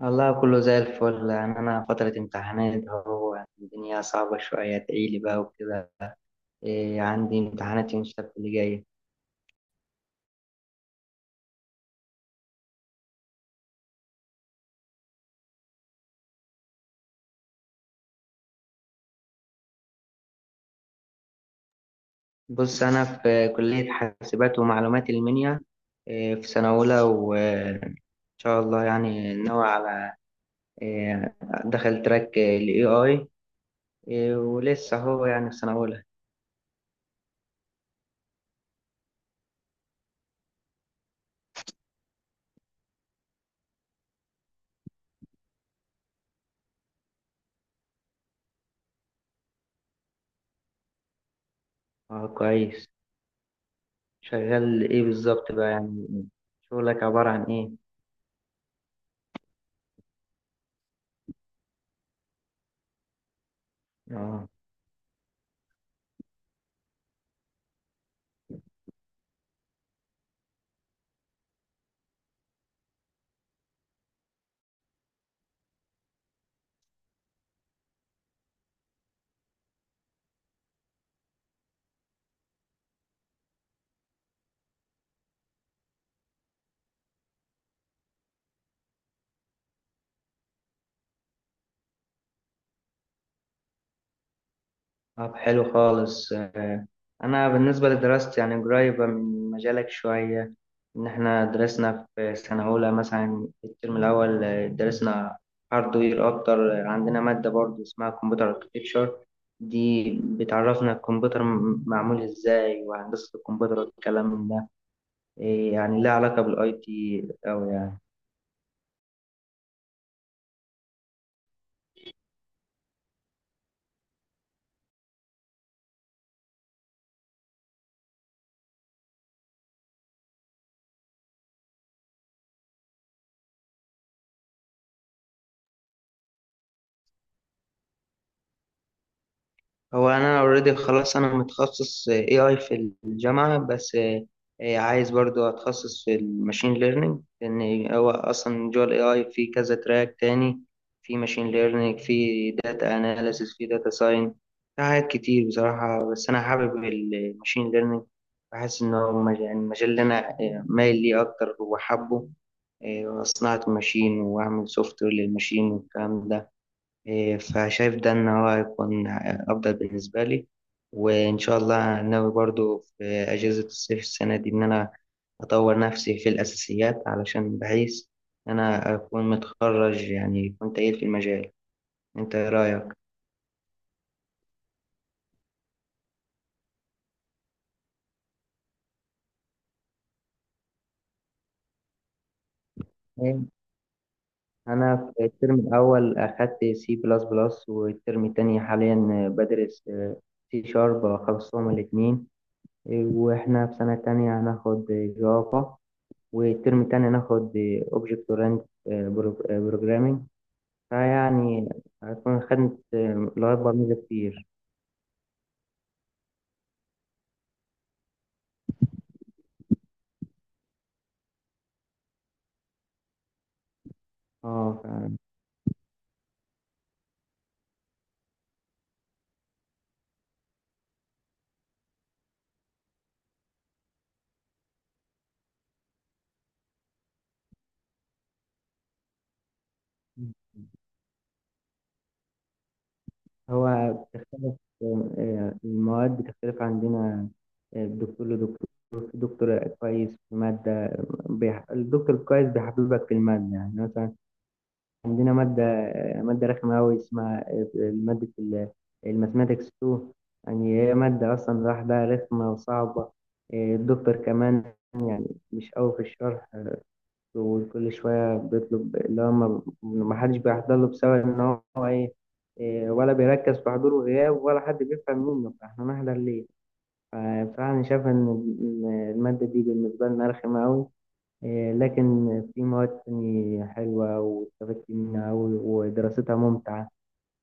والله كله زي الفل، يعني أنا فترة امتحانات أهو، يعني الدنيا صعبة شوية تعيلي بقى وكده. إيه، عندي امتحانات يوم السبت اللي جاي. بص، أنا في كلية حاسبات ومعلومات المنيا. إيه، في سنة أولى وإن شاء الله يعني ناوي على إيه دخل تراك ال AI. إيه، ولسه هو يعني في سنة أولى. أه كويس. شغال إيه بالظبط بقى؟ يعني شغلك عبارة عن إيه؟ أه. طب حلو خالص. أنا بالنسبة لدراستي يعني قريبة من مجالك شوية. إن إحنا درسنا في سنة أولى مثلا الترم الأول درسنا هاردوير أكتر. عندنا مادة برضه اسمها كمبيوتر أركتكتشر. دي بتعرفنا الكمبيوتر معمول إزاي، وهندسة الكمبيوتر والكلام ده. إيه، يعني لها علاقة بالأي تي أوي يعني. هو انا اوريدي خلاص، انا متخصص اي اي في الجامعه، بس عايز برضو اتخصص في الماشين ليرنينج. لان هو اصلا جوه الاي اي في كذا تراك تاني، في ماشين ليرنينج، في داتا اناليسيس، في داتا ساين، في حاجات كتير بصراحه. بس انا حابب الماشين ليرنينج، بحس ان هو يعني المجال اللي انا مايل ليه اكتر وحابه. صناعه الماشين واعمل سوفت وير للماشين والكلام ده. إيه، فشايف ده إن هو هيكون أفضل بالنسبة لي. وإن شاء الله ناوي برضو في أجازة الصيف السنة دي إن أنا أطور نفسي في الأساسيات، علشان بحيث أنا أكون متخرج يعني كنت تقيل في المجال. أنت إيه رأيك؟ إيه، أنا في الترم الأول أخدت سي بلس بلس، والترم التاني حاليا بدرس سي شارب. خلصتهم الاتنين. وإحنا في سنة تانية هناخد جافا، والترم التاني هناخد Object Oriented Programming. فيعني هتكون خدت لغات برمجة كتير. اه ف- هو بتختلف. المواد بتختلف عندنا، الدكتور لدكتور. في دكتور كويس في مادة. الدكتور الكويس بيحببك في المادة. يعني مثلا عندنا مادة رخمة أوي، اسمها مادة الماثماتكس 2. يعني هي مادة أصلا لوحدها رخمة وصعبة. الدكتور كمان يعني مش قوي في الشرح، وكل شوية بيطلب اللي هو ما حدش بيحضر له، بسبب إن هو إيه. إيه، ولا بيركز في حضور وغياب، ولا حد بيفهم منه، فإحنا نحضر ليه؟ فبصراحة أنا شايف إن المادة دي بالنسبة لنا رخمة أوي. إيه، لكن في مواد تانية حلوة واستفدت منها أوي ودراستها ممتعة.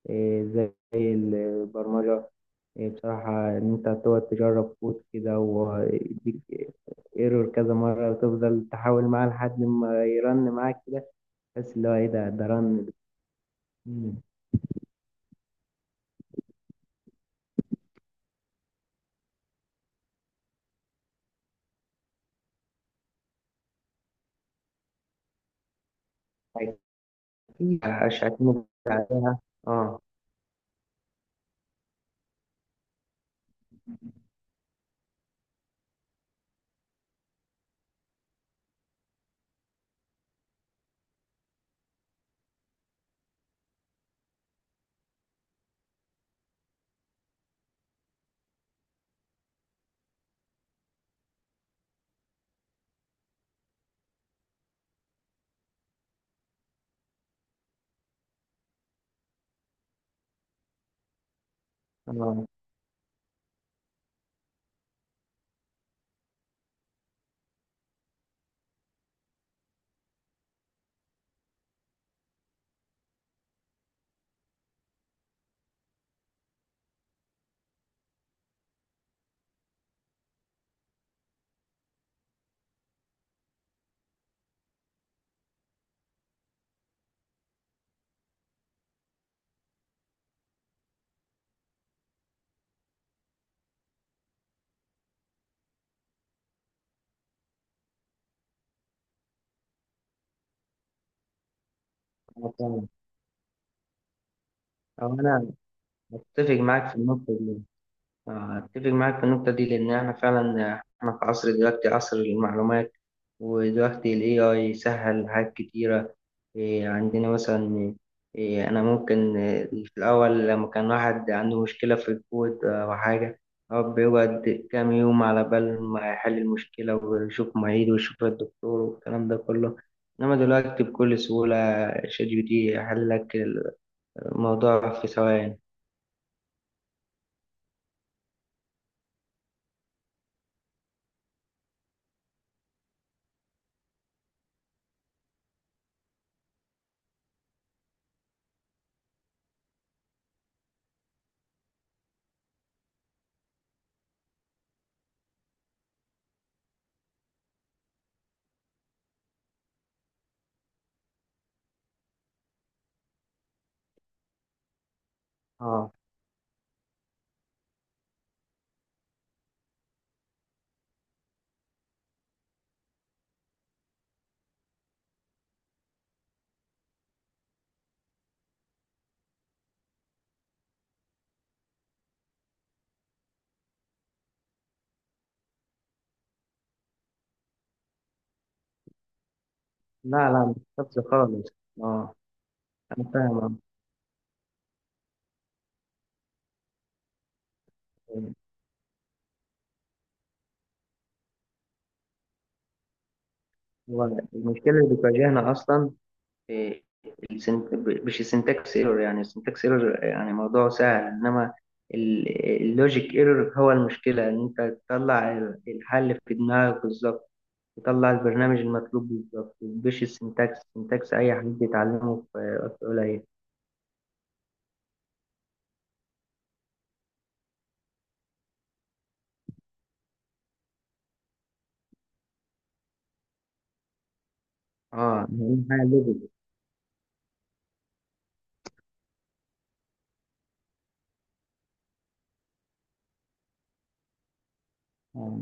إيه، زي البرمجة. إيه، بصراحة إن أنت تقعد تجرب كود كده، ويديك ايرور كذا مرة، وتفضل تحاول معاه لحد ما يرن معاك كده، تحس اللي هو إيه، ده رن. مم. أكيد هشتمك عليها. أه. أه. أه فاهم. أو أنا أتفق معاك في النقطة دي. أتفق معاك في النقطة دي، لأن إحنا فعلا إحنا في عصر دلوقتي، عصر المعلومات. ودلوقتي ال AI سهل حاجات كتيرة. إيه، عندنا مثلا إيه، أنا ممكن إيه، في الأول لما كان واحد عنده مشكلة في الكود أو حاجة، هو بيقعد كام يوم على بال ما يحل المشكلة، ويشوف معيد ويشوف الدكتور والكلام ده كله. إنما دلوقتي بكل سهولة شات جي بي تي يحل لك الموضوع في ثواني. اه. لا مش خالص خالص. اه أنا فاهم. هو المشكلة اللي بتواجهنا أصلا إيه، السنت... مش السنتكس ايرور، يعني السنتكس ايرور يعني موضوع سهل. إنما ال- اللوجيك ايرور هو المشكلة، إن أنت تطلع الحل في دماغك بالظبط، تطلع البرنامج المطلوب بالظبط. مش السنتكس، السنتكس أي حد يتعلمه في وقت قليل. اه أهم حاجة اللوجيك. اه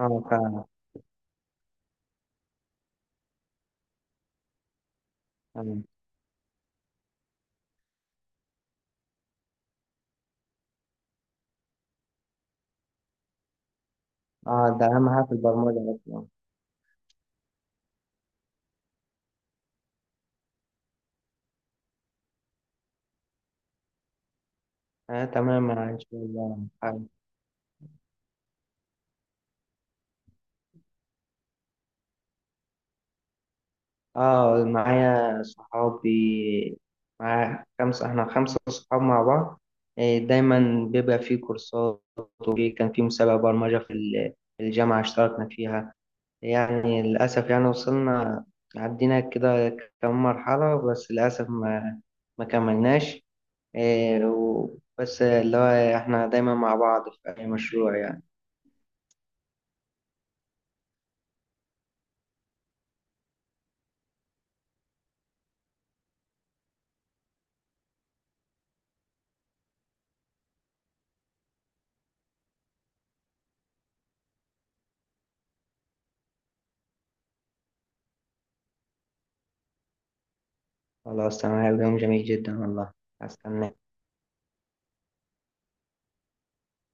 فعلا. تمام. اه ده أهم حاجة في البرمجة أصلا. آه تمام إن شاء الله. اه معايا صحابي، معايا خمسة، احنا خمسة صحاب مع بعض. إيه، دايما بيبقى في كورسات، وفي كان في مسابقة برمجة في في الجامعة اشتركنا فيها. يعني للأسف يعني وصلنا، عدينا كده كم مرحلة، بس للأسف ما كملناش. إيه، و- بس اللي هو احنا دايما مع بعض في أي مشروع يعني. خلاص تمام، يوم جميل جدا والله. هستناك.